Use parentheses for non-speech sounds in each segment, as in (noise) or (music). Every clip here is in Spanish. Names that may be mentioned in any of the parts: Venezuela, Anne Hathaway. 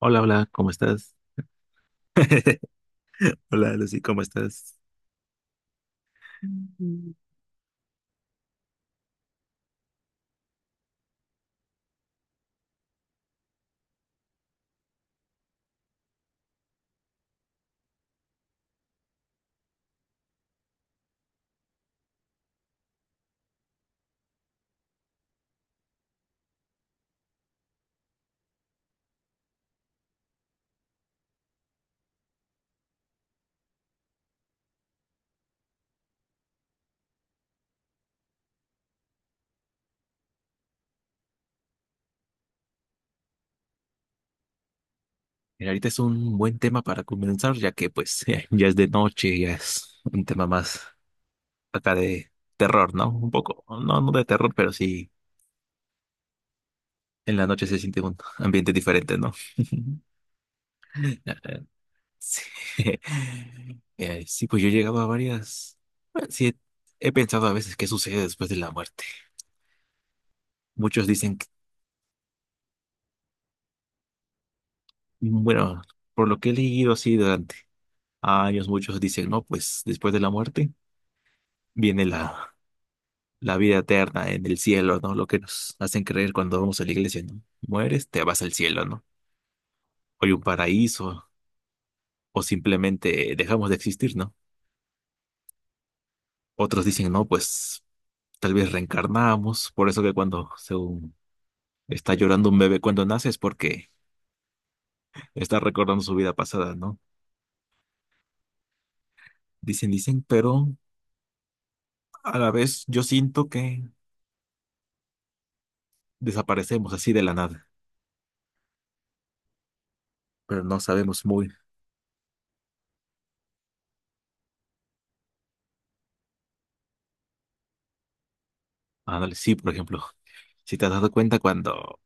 Hola, hola, ¿cómo estás? (laughs) Hola, Lucy, ¿cómo estás? Mm. Mira, ahorita es un buen tema para comenzar, ya que pues (laughs) ya es de noche, ya es un tema más acá de terror, ¿no? Un poco, no, no de terror, pero sí en la noche se siente un ambiente diferente, ¿no? (laughs) Ah, sí. (laughs) Sí, pues yo he llegado a varias. Bueno, sí, he pensado a veces qué sucede después de la muerte. Muchos dicen, que- bueno, por lo que he leído así durante años, muchos dicen, no, pues después de la muerte viene la vida eterna en el cielo, ¿no? Lo que nos hacen creer cuando vamos a la iglesia, ¿no? Mueres, te vas al cielo, ¿no? O hay un paraíso, o simplemente dejamos de existir, ¿no? Otros dicen, no, pues tal vez reencarnamos, por eso que cuando según está llorando un bebé cuando nace es porque está recordando su vida pasada, ¿no? Dicen, dicen, pero a la vez yo siento que desaparecemos así de la nada, pero no sabemos muy Ándale, sí, por ejemplo, si te has dado cuenta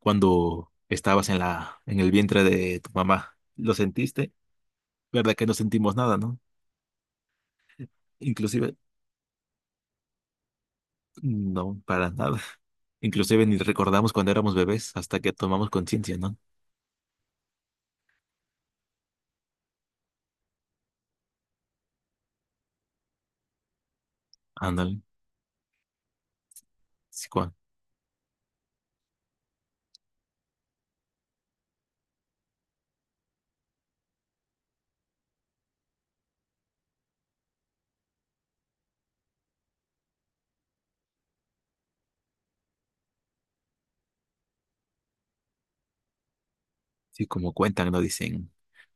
cuando estabas en en el vientre de tu mamá, ¿lo sentiste? ¿Verdad que no sentimos nada, no? Inclusive, no, para nada. (laughs) Inclusive ni recordamos cuando éramos bebés hasta que tomamos conciencia, ¿no? Ándale, sí, cua- sí, como cuentan, ¿no? Dicen,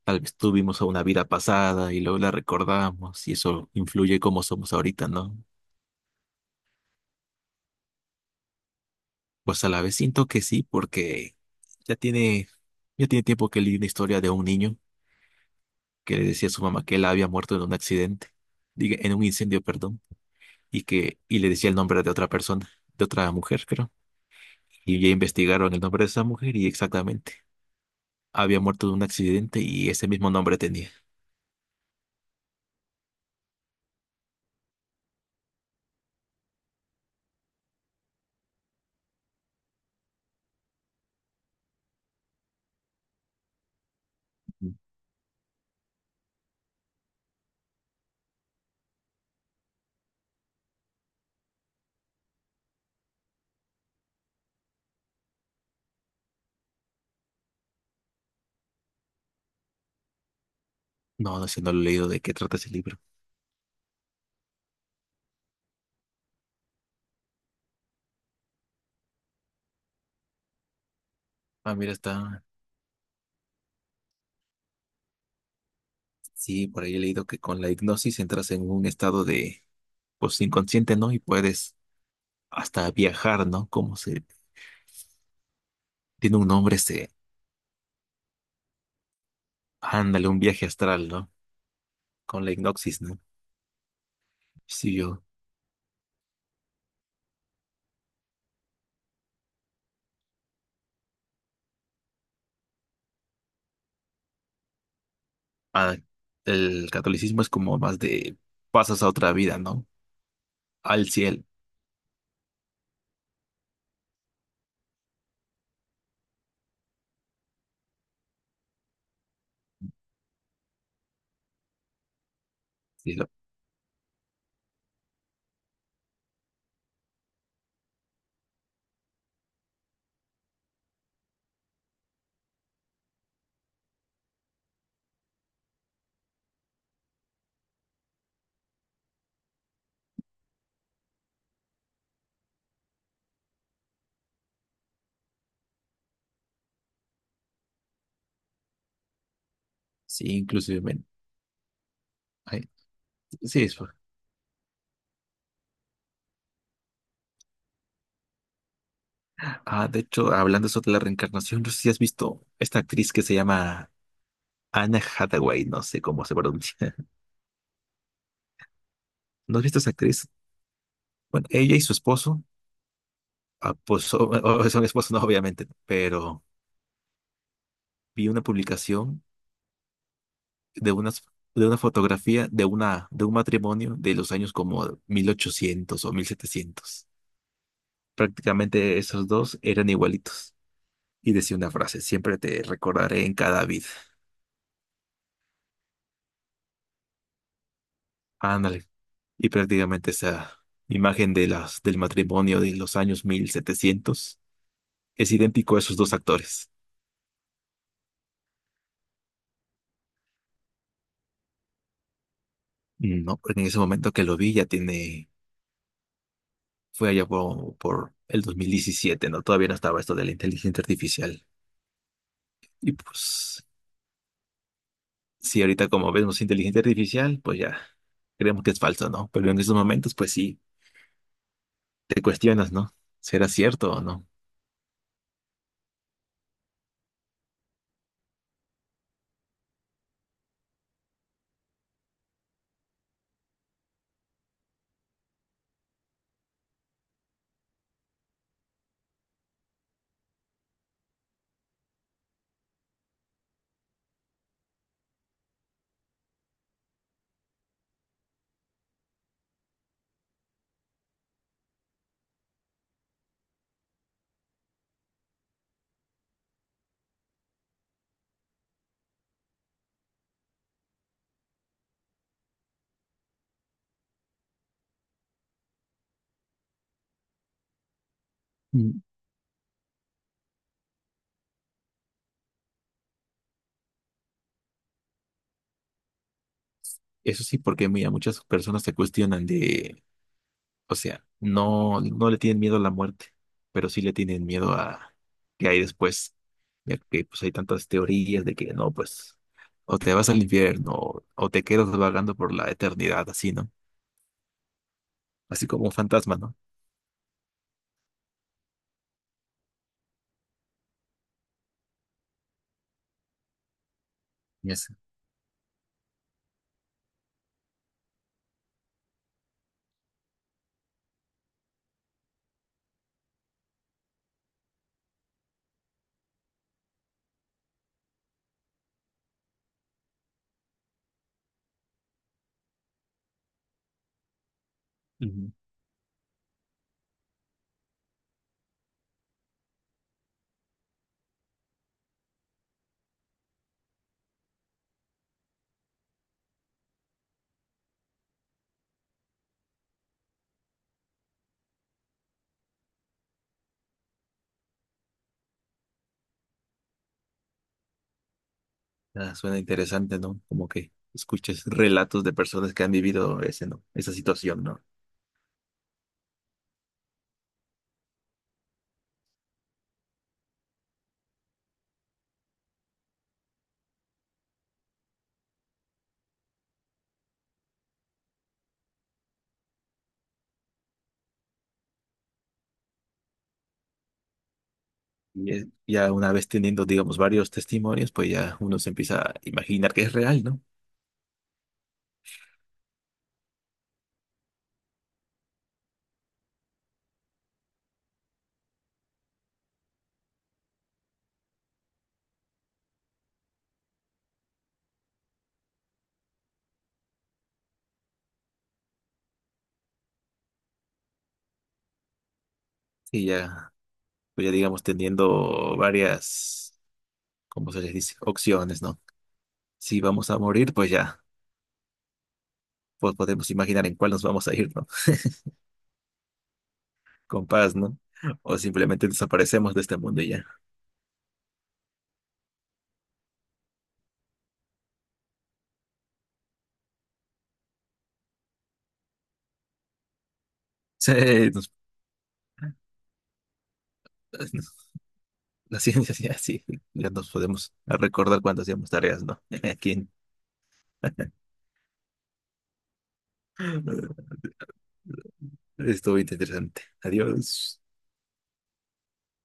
tal vez tuvimos una vida pasada y luego la recordamos y eso influye cómo somos ahorita, ¿no? Pues a la vez siento que sí, porque ya tiene, ya tiene tiempo que leí una historia de un niño que le decía a su mamá que él había muerto en un accidente, diga, en un incendio, perdón, y le decía el nombre de otra persona, de otra mujer, creo. Y ya investigaron el nombre de esa mujer y exactamente había muerto de un accidente y ese mismo nombre tenía. No, no sé, no lo he leído de qué trata ese libro. Ah, mira, está. Sí, por ahí he leído que con la hipnosis entras en un estado de, pues, inconsciente, ¿no? Y puedes hasta viajar, ¿no? Como se tiene un nombre se ándale, un viaje astral, ¿no? Con la hipnosis, ¿no? Sí, yo ah, el catolicismo es como más de pasas a otra vida, ¿no? Al cielo. Cielo. Sí, inclusive. Men. Ay, sí, eso. Ah, de hecho, hablando sobre la reencarnación, no sé si has visto esta actriz que se llama Anna Hathaway, no sé cómo se pronuncia. (laughs) ¿No has visto esa actriz? Bueno, ella y su esposo, ah, pues son, (laughs) o- son esposos, no, obviamente, pero vi una publicación de unas de una fotografía de un matrimonio de los años como 1800 o 1700. Prácticamente esos dos eran igualitos. Y decía una frase, siempre te recordaré en cada vida. Ándale. Y prácticamente esa imagen de del matrimonio de los años 1700 es idéntico a esos dos actores. No, en ese momento que lo vi ya tiene, fue allá por el 2017, ¿no? Todavía no estaba esto de la inteligencia artificial. Y pues, si ahorita como vemos inteligencia artificial, pues ya creemos que es falso, ¿no? Pero en esos momentos, pues sí, te cuestionas, ¿no? ¿Será cierto o no? Eso sí, porque mira, muchas personas se cuestionan de, o sea, no, no le tienen miedo a la muerte, pero sí le tienen miedo a qué hay después. Ya que pues hay tantas teorías de que no, pues, o te vas al infierno, o te quedas vagando por la eternidad, así, ¿no? Así como un fantasma, ¿no? Yes. Ujú. Ah, suena interesante, ¿no? Como que escuches relatos de personas que han vivido ese, ¿no? Esa situación, ¿no? Y ya una vez teniendo, digamos, varios testimonios, pues ya uno se empieza a imaginar que es real, ¿no? Y ya, pues ya digamos teniendo varias, ¿cómo se les dice? Opciones, ¿no? Si vamos a morir, pues ya, pues podemos imaginar en cuál nos vamos a ir, ¿no? (laughs) Con paz, ¿no? O simplemente desaparecemos de este mundo y ya. (laughs) Sí, nos- nos- la ciencia sí, así, ya nos podemos recordar cuando hacíamos tareas, ¿no? (laughs) Aquí. (laughs) Estuvo interesante. Adiós.